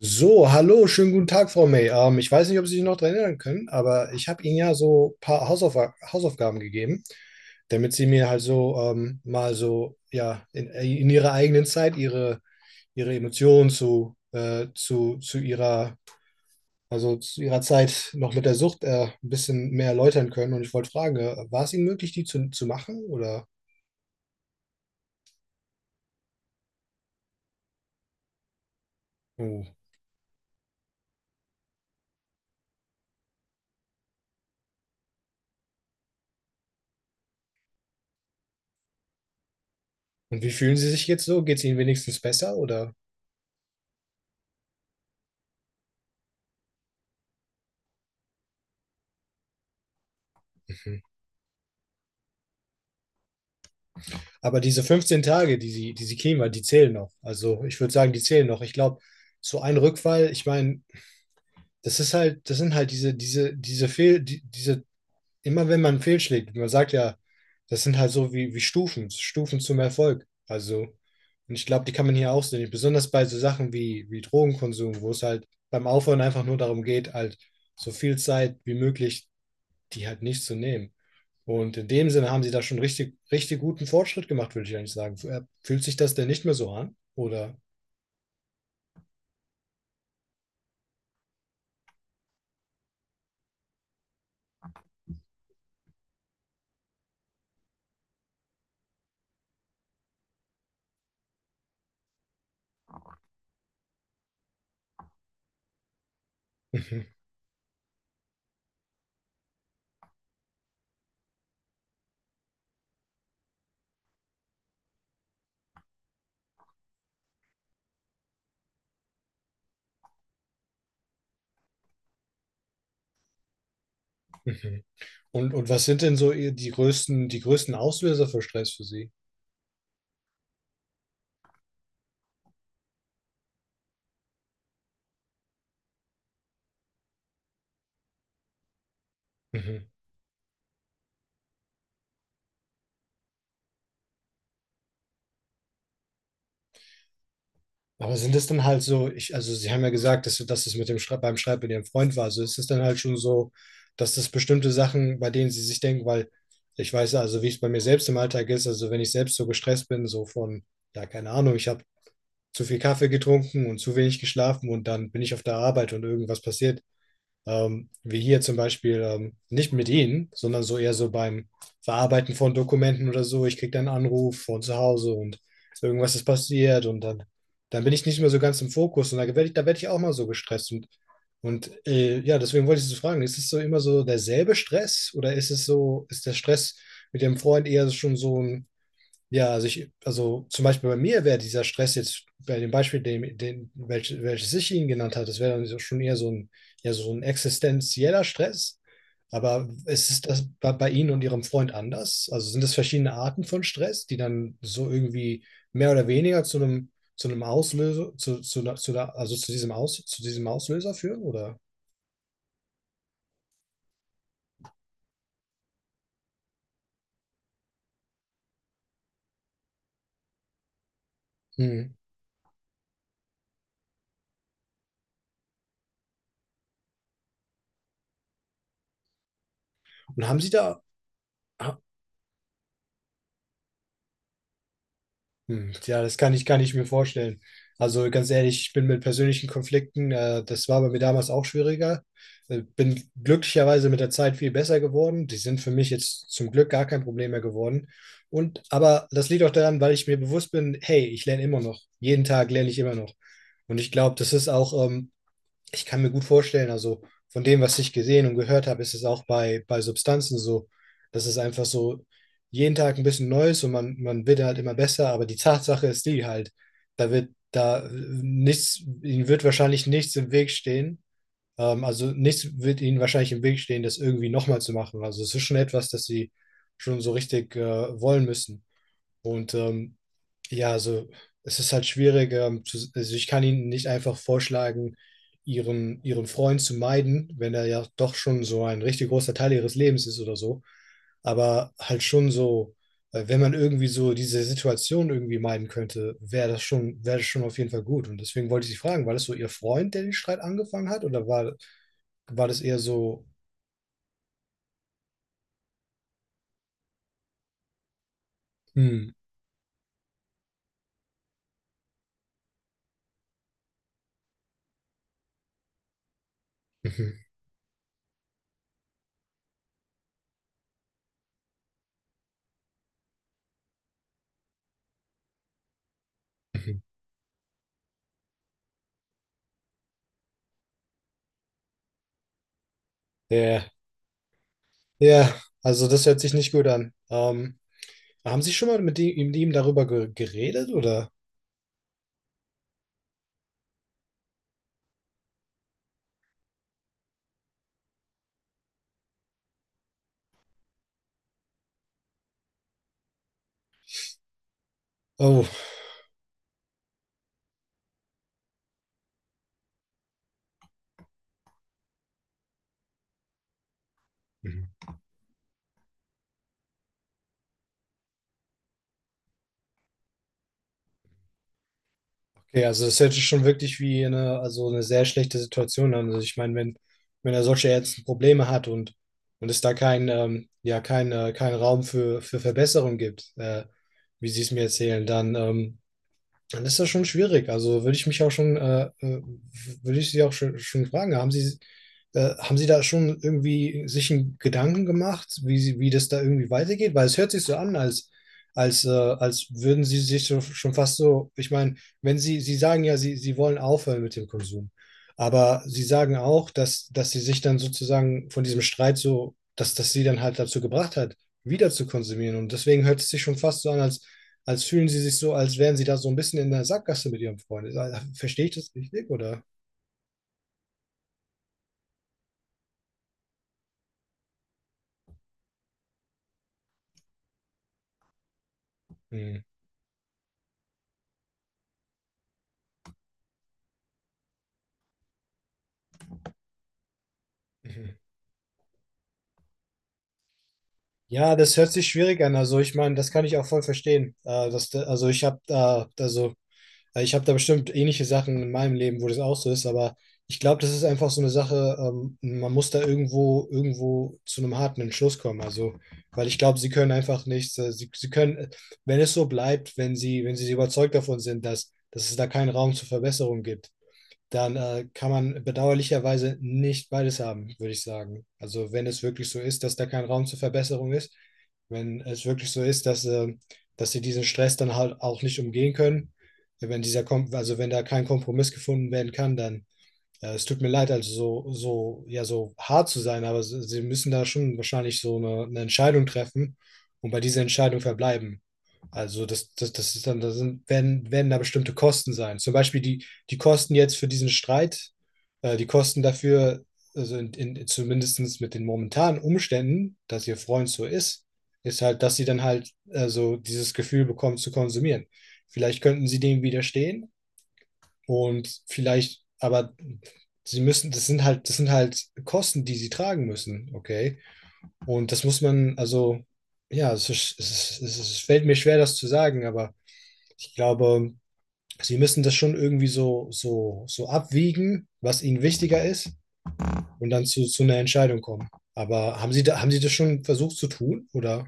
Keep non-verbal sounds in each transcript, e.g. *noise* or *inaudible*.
So, hallo, schönen guten Tag, Frau May. Ich weiß nicht, ob Sie sich noch daran erinnern können, aber ich habe Ihnen ja so ein paar Hausaufgaben gegeben, damit Sie mir halt so mal so, ja, in Ihrer eigenen Zeit Ihre, Ihre Emotionen zu Ihrer, also zu Ihrer Zeit noch mit der Sucht ein bisschen mehr erläutern können. Und ich wollte fragen, war es Ihnen möglich, die zu machen? Oder, oh. Und wie fühlen Sie sich jetzt so? Geht es Ihnen wenigstens besser? Oder? Mhm. Aber diese 15 Tage, die sie kriegen, weil die zählen noch. Also ich würde sagen, die zählen noch. Ich glaube, so ein Rückfall, ich meine, das ist halt, das sind halt diese Fehl, diese, immer wenn man fehlschlägt, man sagt ja, das sind halt so wie, wie Stufen, Stufen zum Erfolg. Also, und ich glaube, die kann man hier auch sehen. Besonders bei so Sachen wie, wie Drogenkonsum, wo es halt beim Aufhören einfach nur darum geht, halt so viel Zeit wie möglich die halt nicht zu nehmen. Und in dem Sinne haben sie da schon richtig, richtig guten Fortschritt gemacht, würde ich eigentlich sagen. Fühlt sich das denn nicht mehr so an? Oder? *laughs* Mhm, mhm. Und was sind denn so die größten Auslöser für Stress für Sie? *laughs* Mhm. Aber sind es dann halt so, ich, also Sie haben ja gesagt, dass, dass es mit dem beim Schreiben mit Ihrem Freund war. Also ist es dann halt schon so, dass das bestimmte Sachen, bei denen Sie sich denken, weil ich weiß ja, also wie es bei mir selbst im Alltag ist, also wenn ich selbst so gestresst bin, so von, ja, keine Ahnung, ich habe zu viel Kaffee getrunken und zu wenig geschlafen und dann bin ich auf der Arbeit und irgendwas passiert. Wie hier zum Beispiel, nicht mit Ihnen, sondern so eher so beim Verarbeiten von Dokumenten oder so. Ich kriege dann einen Anruf von zu Hause und irgendwas ist passiert und dann, dann bin ich nicht mehr so ganz im Fokus und da werde ich, da werd ich auch mal so gestresst. Und ja, deswegen wollte ich Sie fragen, ist es so immer so derselbe Stress oder ist es so, ist der Stress mit dem Freund eher schon so ein ja, also ich, also zum Beispiel bei mir wäre dieser Stress jetzt bei dem Beispiel, welches ich Ihnen genannt habe, das wäre dann schon eher so ein, ja, so ein existenzieller Stress. Aber ist es das bei Ihnen und Ihrem Freund anders? Also sind das verschiedene Arten von Stress, die dann so irgendwie mehr oder weniger zu einem Auslöser, also zu diesem zu diesem Auslöser führen, oder? Hm. Und haben Sie da, Hm, ja, das kann ich mir vorstellen. Also ganz ehrlich, ich bin mit persönlichen Konflikten, das war bei mir damals auch schwieriger. Bin glücklicherweise mit der Zeit viel besser geworden. Die sind für mich jetzt zum Glück gar kein Problem mehr geworden. Und aber das liegt auch daran, weil ich mir bewusst bin, hey, ich lerne immer noch. Jeden Tag lerne ich immer noch. Und ich glaube, das ist auch ich kann mir gut vorstellen, also von dem, was ich gesehen und gehört habe, ist es auch bei, bei Substanzen so, dass es einfach so jeden Tag ein bisschen Neues und man wird halt immer besser, aber die Tatsache ist die halt, da wird da nichts, ihnen wird wahrscheinlich nichts im Weg stehen. Also nichts wird ihnen wahrscheinlich im Weg stehen, das irgendwie nochmal zu machen. Also es ist schon etwas, das sie schon so richtig wollen müssen. Und ja, also es ist halt schwierig. Also ich kann Ihnen nicht einfach vorschlagen, ihren Freund zu meiden, wenn er ja doch schon so ein richtig großer Teil ihres Lebens ist oder so. Aber halt schon so, wenn man irgendwie so diese Situation irgendwie meiden könnte, wäre das schon auf jeden Fall gut. Und deswegen wollte ich Sie fragen, war das so Ihr Freund, der den Streit angefangen hat, oder war, war das eher so, hm, mhm, mhm. Ja, ja, also das hört sich nicht gut an. Haben Sie schon mal mit ihm darüber ge geredet oder? Oh, mhm. Okay, also das hört sich schon wirklich wie eine, also eine sehr schlechte Situation an. Also ich meine, wenn, wenn er solche ärztlichen Probleme hat und es da kein, ja, kein, kein Raum für Verbesserung gibt, wie Sie es mir erzählen, dann dann ist das schon schwierig. Also würde ich mich auch schon, würde ich Sie auch schon, schon fragen, haben Sie da schon irgendwie sich einen Gedanken gemacht, wie das da irgendwie weitergeht? Weil es hört sich so an, als, als, als würden Sie sich so, schon fast so, ich meine, wenn Sie, Sie sagen ja, Sie wollen aufhören mit dem Konsum, aber Sie sagen auch, dass, dass Sie sich dann sozusagen von diesem Streit so, dass das Sie dann halt dazu gebracht hat, wieder zu konsumieren. Und deswegen hört es sich schon fast so an, als als fühlen sie sich so, als wären sie da so ein bisschen in der Sackgasse mit ihrem Freund. Also, verstehe ich das richtig, oder? Hm. Mhm. Ja, das hört sich schwierig an. Also ich meine, das kann ich auch voll verstehen. Dass, also ich habe da, also ich habe da bestimmt ähnliche Sachen in meinem Leben, wo das auch so ist, aber ich glaube, das ist einfach so eine Sache, man muss da irgendwo, irgendwo zu einem harten Entschluss kommen. Also, weil ich glaube, sie können einfach nichts, sie können, wenn es so bleibt, wenn sie, wenn sie so überzeugt davon sind, dass, dass es da keinen Raum zur Verbesserung gibt dann kann man bedauerlicherweise nicht beides haben, würde ich sagen. Also wenn es wirklich so ist, dass da kein Raum zur Verbesserung ist, wenn es wirklich so ist, dass, dass sie diesen Stress dann halt auch nicht umgehen können, wenn dieser Kom also wenn da kein Kompromiss gefunden werden kann, dann ja, es tut mir leid, also so, so, ja, so hart zu sein, aber sie müssen da schon wahrscheinlich so eine Entscheidung treffen und bei dieser Entscheidung verbleiben. Also das ist dann, werden da bestimmte Kosten sein. Zum Beispiel die, die Kosten jetzt für diesen Streit, die Kosten dafür, also in, zumindest mit den momentanen Umständen, dass ihr Freund so ist halt, dass sie dann halt also dieses Gefühl bekommt zu konsumieren. Vielleicht könnten sie dem widerstehen und vielleicht, aber sie müssen, das sind halt Kosten, die sie tragen müssen, okay? Und das muss man, also, es ist, es fällt mir schwer, das zu sagen, aber ich glaube, sie müssen das schon irgendwie so, so, so abwiegen, was ihnen wichtiger ist, und dann zu einer Entscheidung kommen. Aber haben sie, da, haben sie das schon versucht zu tun, oder?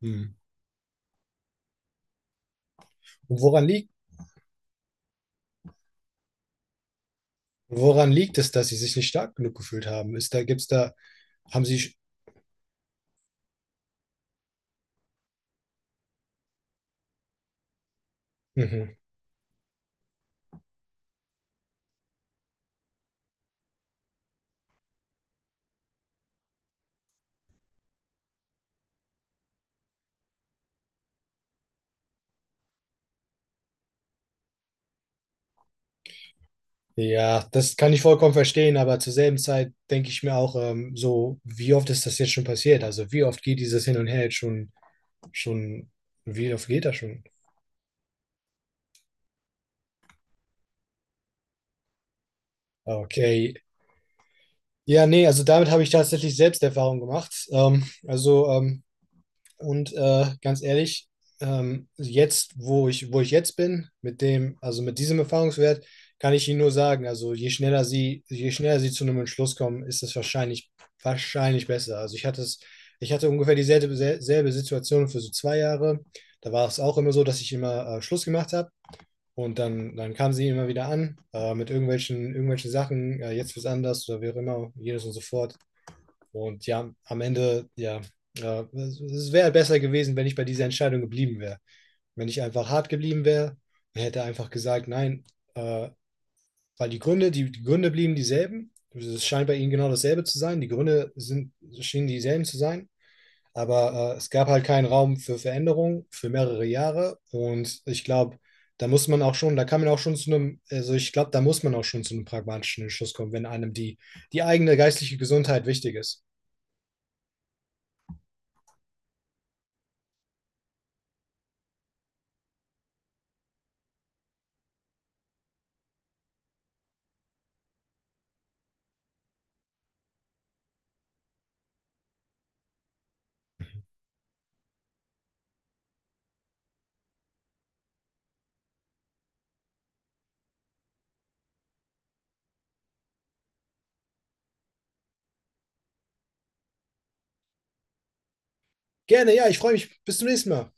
Hm. Und woran liegt es, dass sie sich nicht stark genug gefühlt haben? Ist da, gibt's da, haben sie, mhm. Ja, das kann ich vollkommen verstehen, aber zur selben Zeit denke ich mir auch, so, wie oft ist das jetzt schon passiert? Also wie oft geht dieses Hin und Her jetzt schon, schon, wie oft geht das schon? Okay. Ja, nee, also damit habe ich tatsächlich selbst Erfahrung gemacht. Und ganz ehrlich, jetzt, wo ich jetzt bin, mit dem, also mit diesem Erfahrungswert, kann ich Ihnen nur sagen, also je schneller Sie zu einem Entschluss kommen, ist es wahrscheinlich, wahrscheinlich besser. Also ich hatte es, ich hatte ungefähr selbe Situation für so 2 Jahre. Da war es auch immer so, dass ich immer Schluss gemacht habe und dann, dann kam sie immer wieder an mit irgendwelchen, irgendwelchen Sachen, jetzt wird's anders oder wie auch immer, jedes und so fort. Und ja, am Ende, ja, ja es wäre besser gewesen, wenn ich bei dieser Entscheidung geblieben wäre. Wenn ich einfach hart geblieben wäre, hätte einfach gesagt, nein, äh, weil die Gründe, die, die Gründe blieben dieselben. Es scheint bei ihnen genau dasselbe zu sein. Die Gründe sind, schienen dieselben zu sein. Aber es gab halt keinen Raum für Veränderung für mehrere Jahre. Und ich glaube, da muss man auch schon, da kann man auch schon zu einem, also ich glaube, da muss man auch schon zu einem pragmatischen Entschluss kommen, wenn einem die, die eigene geistliche Gesundheit wichtig ist. Gerne, ja, ich freue mich. Bis zum nächsten Mal.